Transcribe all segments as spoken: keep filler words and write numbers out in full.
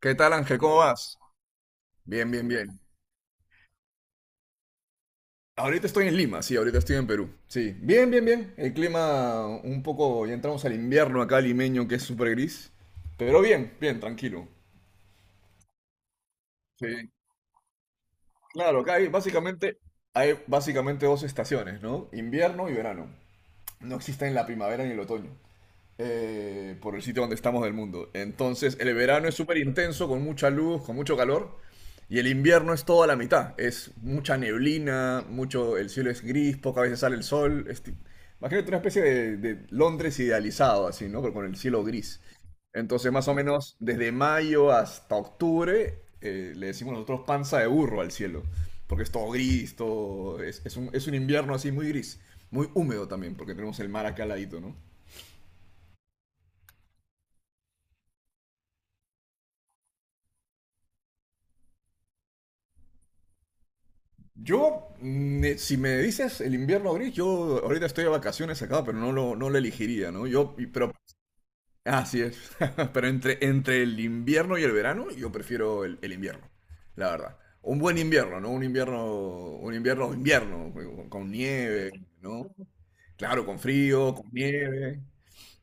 ¿Qué tal, Ángel? ¿Cómo vas? Bien, bien, bien. Ahorita estoy en Lima, sí, ahorita estoy en Perú. Sí, bien, bien, bien. El clima un poco, ya entramos al invierno acá limeño, que es súper gris. Pero bien, bien, tranquilo. Sí, claro, acá hay básicamente, hay básicamente dos estaciones, ¿no? Invierno y verano. No existen la primavera ni el otoño. eh, por el sitio donde estamos del mundo. Entonces, el verano es súper intenso, con mucha luz, con mucho calor. Y el invierno es toda la mitad. Es mucha neblina, mucho, el cielo es gris, pocas veces sale el sol. Es ti- imagínate una especie de, de Londres idealizado, así, ¿no? Pero con el cielo gris. Entonces, más o menos desde mayo hasta octubre, eh, le decimos nosotros panza de burro al cielo. Porque es todo gris, todo. Es, es un, es un invierno así muy gris. Muy húmedo también, porque tenemos el mar acá al ladito, ¿no? Yo, mm, eh, si me dices el invierno gris, yo ahorita estoy de vacaciones acá, pero no lo, no lo elegiría, ¿no? Yo, y- pero, así es. Pero entre, entre el invierno y el verano, yo prefiero el, el invierno, la verdad. Un buen invierno, ¿no? Un invierno, un invierno, invierno, con, con nieve, ¿no? Claro, con frío, con nieve,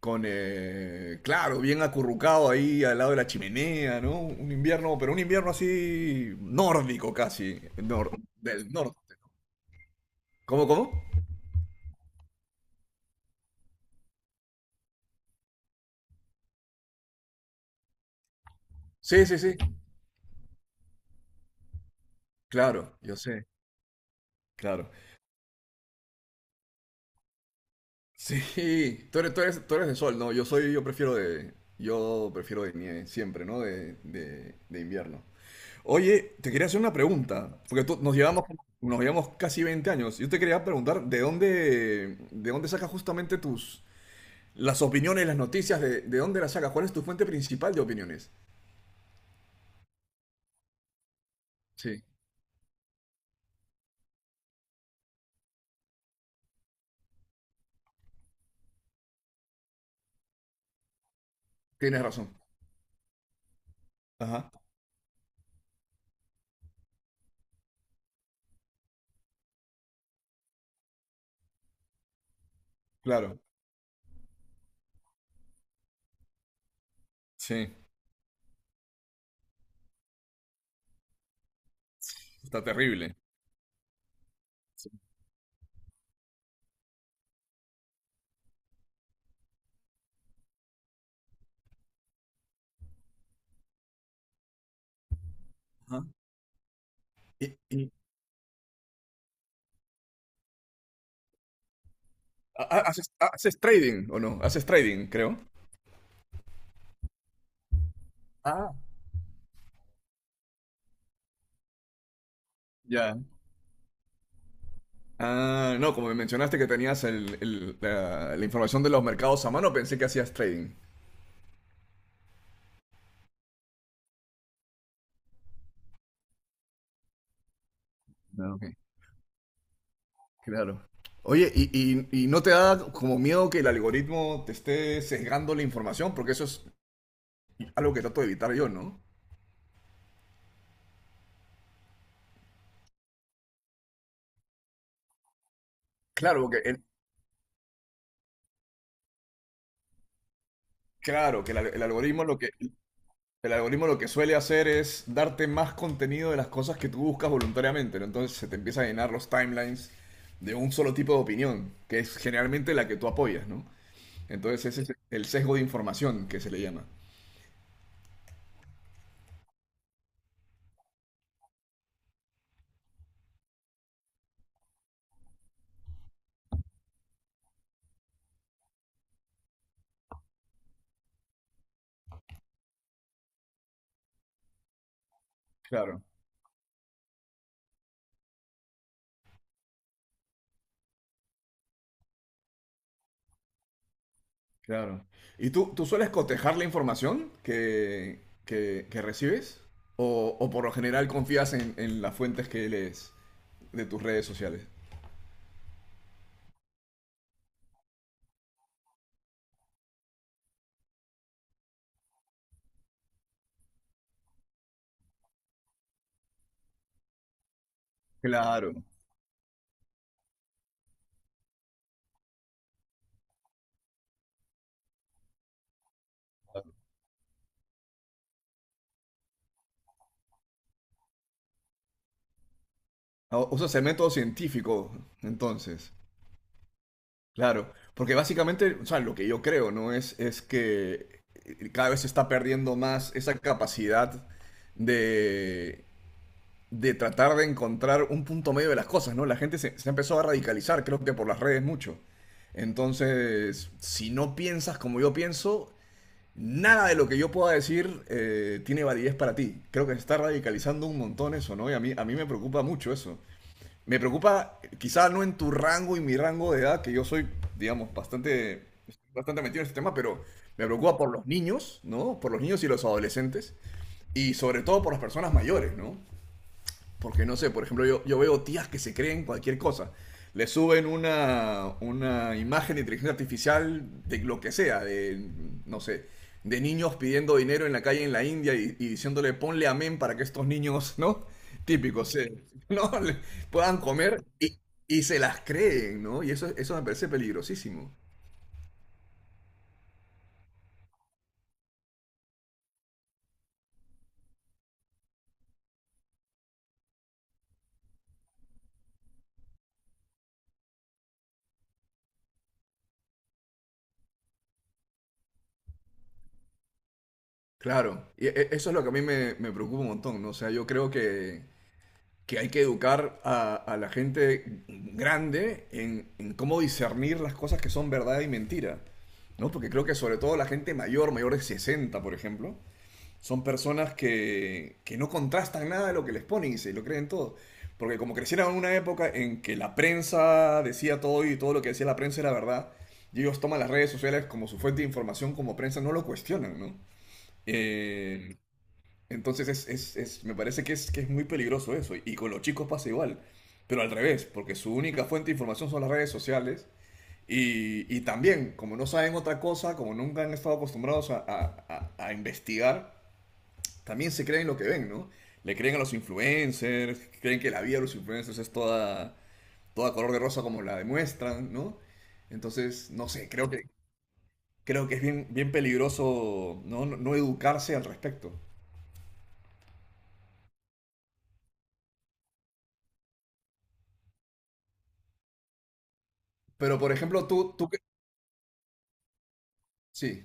con, eh, claro, bien acurrucado ahí al lado de la chimenea, ¿no? Un invierno, pero un invierno así nórdico casi, nor- del norte. ¿Cómo, cómo? Sí, sí, sí. Claro, yo sé, claro. Sí, tú eres, tú eres, tú eres de sol, ¿no? Yo soy, yo prefiero de, yo prefiero de nieve, siempre, ¿no? De, de, de invierno. Oye, te quería hacer una pregunta, porque tú, nos llevamos, nos llevamos casi veinte años. Yo te quería preguntar, ¿de dónde, de dónde sacas justamente tus, las opiniones, las noticias, de, de dónde las sacas? ¿Cuál es tu fuente principal de opiniones? Sí, tienes razón. Ajá, claro. Sí, está terrible. Sí. Ajá. Y, y- ha- ¿Haces, haces trading o no? Haces trading, creo. Ah, ya. Ah, no, como me mencionaste que tenías el- el- la, la información de los mercados a mano, pensé que hacías trading. No, ok. Claro. Oye, ¿y, y- y no te da como miedo que el algoritmo te esté sesgando la información? Porque eso es algo que trato de evitar yo, ¿no? Claro, que el, claro, que el, al- el algoritmo lo que, el algoritmo lo que suele hacer es darte más contenido de las cosas que tú buscas voluntariamente, ¿no? Entonces se te empieza a llenar los timelines de un solo tipo de opinión, que es generalmente la que tú apoyas, ¿no? Entonces ese es el sesgo de información que se le llama. Claro, claro. ¿Y tú, tú sueles cotejar la información que, que, que recibes? ¿O, o por lo general confías en, en las fuentes que lees de tus redes sociales? Claro. O- Usas el método científico, entonces. Claro, porque básicamente, o sea, lo que yo creo, ¿no? Es, es que eh, cada vez se está perdiendo más esa capacidad de, de tratar de encontrar un punto medio de las cosas, ¿no? La gente se, se empezó a radicalizar, creo que por las redes mucho. Entonces, si no piensas como yo pienso, nada de lo que yo pueda decir eh, tiene validez para ti. Creo que se está radicalizando un montón eso, ¿no? Y a mí, a mí me preocupa mucho eso. Me preocupa, quizás no en tu rango y mi rango de edad, que yo soy, digamos, bastante, bastante metido en este tema, pero me preocupa por los niños, ¿no? Por los niños y los adolescentes, y sobre todo por las personas mayores, ¿no? Porque no sé, por ejemplo, yo, yo veo tías que se creen cualquier cosa. Le suben una, una imagen de inteligencia artificial de lo que sea, de, no sé, de niños pidiendo dinero en la calle en la India y, y diciéndole ponle amén para que estos niños, ¿no? Típicos, eh, ¿no? Le- puedan comer y, y se las creen, ¿no? Y eso, eso me parece peligrosísimo. Claro, y e- eso es lo que a mí me, me preocupa un montón, ¿no? O sea, yo creo que, que, hay que educar a, a la gente grande en, en cómo discernir las cosas que son verdad y mentira, ¿no? Porque creo que sobre todo la gente mayor, mayor de sesenta, por ejemplo, son personas que, que no contrastan nada de lo que les ponen y se lo creen todo. Porque como crecieron en una época en que la prensa decía todo y todo lo que decía la prensa era verdad, y ellos toman las redes sociales como su fuente de información, como prensa, no lo cuestionan, ¿no? Eh, entonces es, es, es- me parece que es, que es muy peligroso eso. Y con los chicos pasa igual. Pero al revés, porque su única fuente de información son las redes sociales. Y, y también, como no saben otra cosa, como nunca han estado acostumbrados a, a- a- a investigar, también se creen lo que ven, ¿no? Le creen a los influencers, creen que la vida de los influencers es toda, toda color de rosa como la demuestran, ¿no? Entonces, no sé, creo que, creo que es bien, bien peligroso no, no no educarse al respecto. Pero, por ejemplo, tú, tú, qué- sí.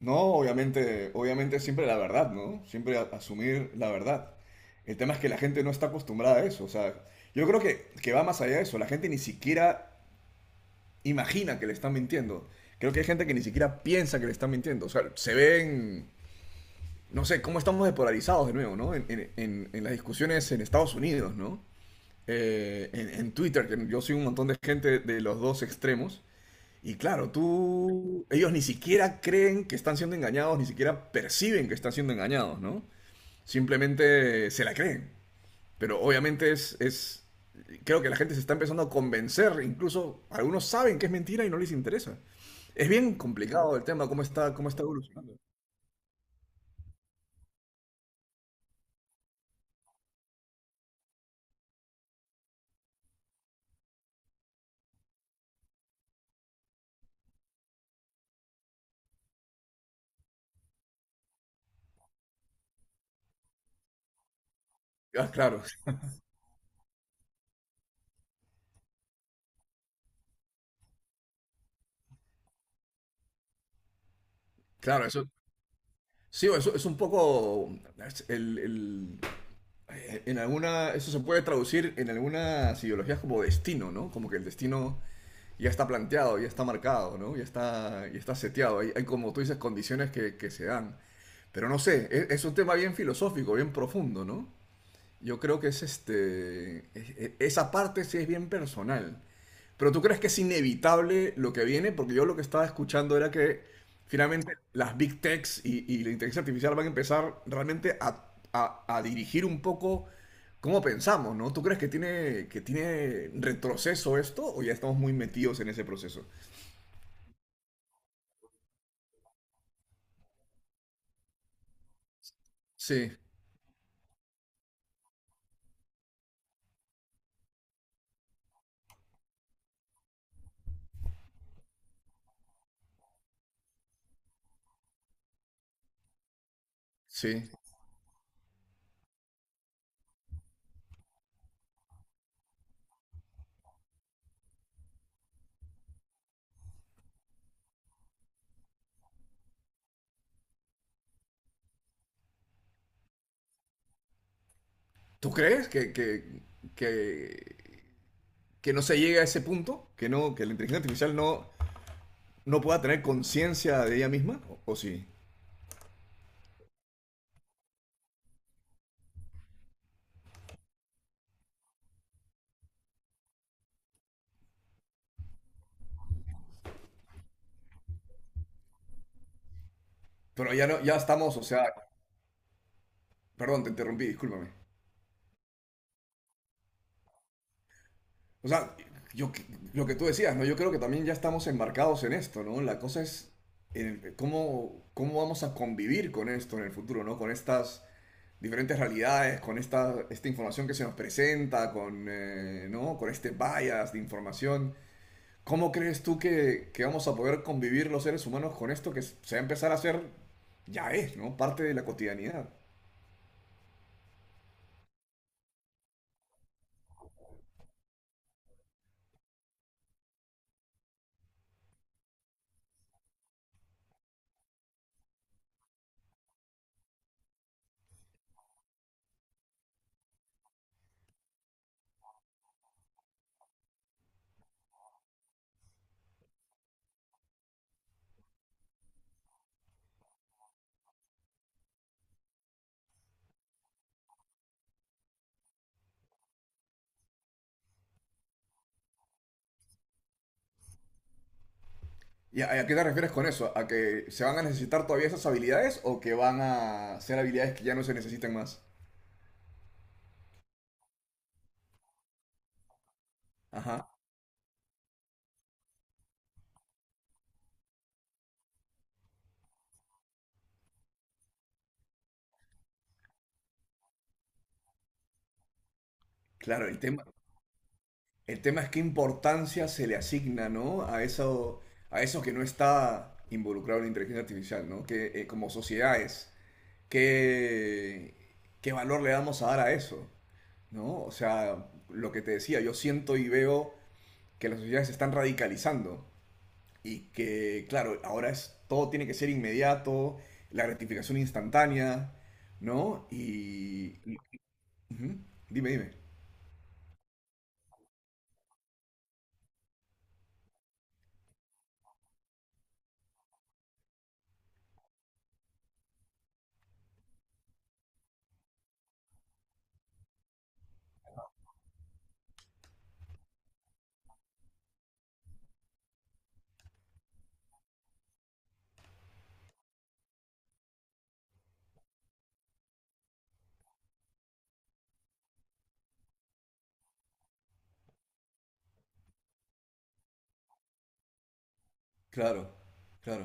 No, obviamente, obviamente siempre la verdad, ¿no? Siempre a- asumir la verdad. El tema es que la gente no está acostumbrada a eso. O sea, yo creo que, que va más allá de eso. La gente ni siquiera imagina que le están mintiendo. Creo que hay gente que ni siquiera piensa que le están mintiendo. O sea, se ven, no sé, cómo estamos despolarizados de nuevo, ¿no? En, en- en- en las discusiones en Estados Unidos, ¿no? Eh, en, en Twitter, que yo soy un montón de gente de los dos extremos. Y claro, tú, ellos ni siquiera creen que están siendo engañados, ni siquiera perciben que están siendo engañados, ¿no? Simplemente se la creen. Pero obviamente es, es, creo que la gente se está empezando a convencer, incluso algunos saben que es mentira y no les interesa. Es bien complicado el tema, cómo está, cómo está evolucionando. Ah, claro, claro, eso, sí, eso es un poco, es el, el- en alguna, eso se puede traducir en algunas ideologías como destino, ¿no? Como que el destino ya está planteado, ya está marcado, ¿no? Ya está, ya está seteado. Hay, hay, como tú dices, condiciones que, que se dan. Pero no sé, es, es, un tema bien filosófico, bien profundo, ¿no? Yo creo que es este. e- e- Esa parte sí es bien personal. Pero tú crees que es inevitable lo que viene, porque yo lo que estaba escuchando era que finalmente las big techs y, y la inteligencia artificial van a empezar realmente a, a- a dirigir un poco cómo pensamos, ¿no? ¿Tú crees que tiene, que tiene retroceso esto o ya estamos muy metidos en ese proceso? Sí, sí. ¿Tú crees que, que, que, que no se llegue a ese punto? ¿Que no, que la inteligencia artificial no, no pueda tener conciencia de ella misma, o, o sí. Pero ya no, ya estamos, o sea, perdón, te interrumpí, discúlpame. O sea, yo, que- lo que tú decías, ¿no? Yo creo que también ya estamos embarcados en esto, ¿no? La cosa es el- cómo, cómo vamos a convivir con esto en el futuro, ¿no? Con estas diferentes realidades, con esta, esta información que se nos presenta, con, eh, ¿no? Con este bias de información. ¿Cómo crees tú que, que, vamos a poder convivir los seres humanos con esto que se va a empezar a hacer, ya es, ¿no? Parte de la cotidianidad. ¿Y a, a qué te refieres con eso? ¿A que se van a necesitar todavía esas habilidades o que van a ser habilidades que ya no se necesitan más? Ajá. Claro, el tema, el tema es qué importancia se le asigna, ¿no? A eso, a eso que no está involucrado en la inteligencia artificial, ¿no? Que eh, como sociedades, ¿qué, qué valor le vamos a dar a eso? ¿No? O sea, lo que te decía, yo siento y veo que las sociedades se están radicalizando y que, claro, ahora es, todo tiene que ser inmediato, la gratificación instantánea, ¿no? Y... y- ujú, dime, dime. Claro, claro.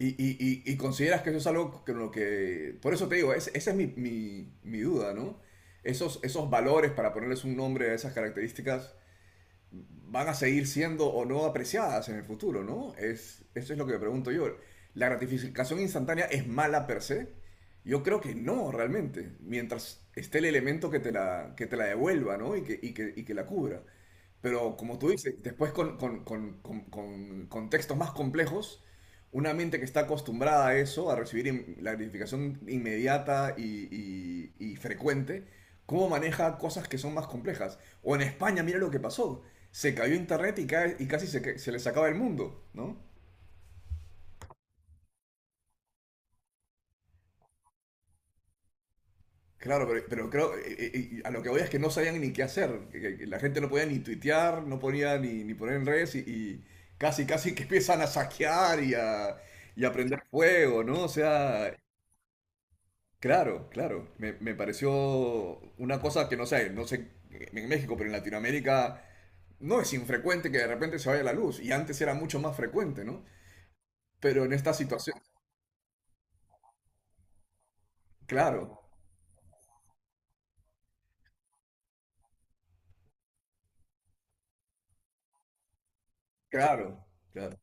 Y, y- y- y consideras que eso es algo que lo que... Por eso te digo, es- esa es mi, mi- mi duda, ¿no? Esos, esos valores, para ponerles un nombre a esas características, van a seguir siendo o no apreciadas en el futuro, ¿no? Es, eso es lo que me pregunto yo. ¿La gratificación instantánea es mala per se? Yo creo que no, realmente, mientras esté el elemento que te la, que te la devuelva, ¿no? Y que, y que, y que la cubra. Pero como tú dices, después con, con- con- con- con contextos más complejos, una mente que está acostumbrada a eso, a recibir in- la gratificación inmediata y, y- y frecuente, cómo maneja cosas que son más complejas. O en España, mira lo que pasó. Se cayó internet y, ca- y casi se, ca- se les acaba el mundo, ¿no? Claro, pero, pero creo, eh, eh, eh, a lo que voy es que no sabían ni qué hacer. Que- que La gente no podía ni tuitear, no podía ni, ni poner en redes y, y casi, casi que empiezan a saquear y a, y a prender fuego, ¿no? O sea, claro, claro. Me, me pareció una cosa que no sé, no sé en México, pero en Latinoamérica no es infrecuente que de repente se vaya la luz. Y antes era mucho más frecuente, ¿no? Pero en esta situación, claro, claro, claro,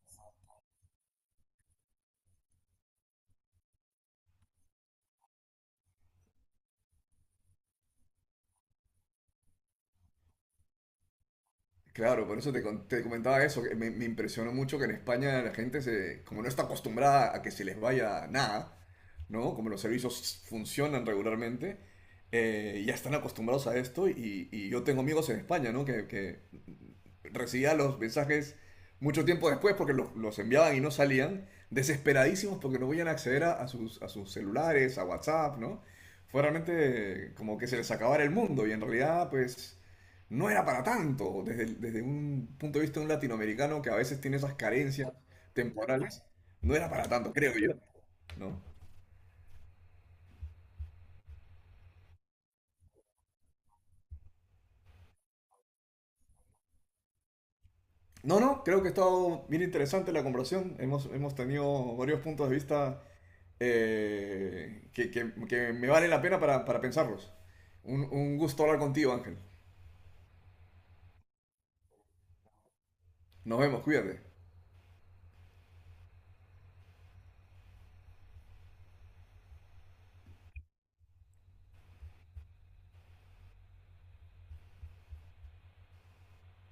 claro. Por eso te, con- te comentaba eso, que me, me impresionó mucho que en España la gente se, como no está acostumbrada a que se les vaya nada, ¿no? Como los servicios funcionan regularmente, eh, ya están acostumbrados a esto y, y yo tengo amigos en España, ¿no? Que, que recibía los mensajes mucho tiempo después porque los, los enviaban y no salían, desesperadísimos porque no podían acceder a, a sus, a sus celulares, a WhatsApp, ¿no? Fue realmente como que se les acabara el mundo y en realidad pues no era para tanto desde, el- desde un punto de vista de un latinoamericano que a veces tiene esas carencias temporales, no era para tanto, creo yo, ¿no? No, no, creo que ha estado bien interesante la conversación. Hemos, hemos tenido varios puntos de vista eh, que, que- que me vale la pena para, para pensarlos. Un, un gusto hablar contigo, Ángel. Nos vemos, cuídate.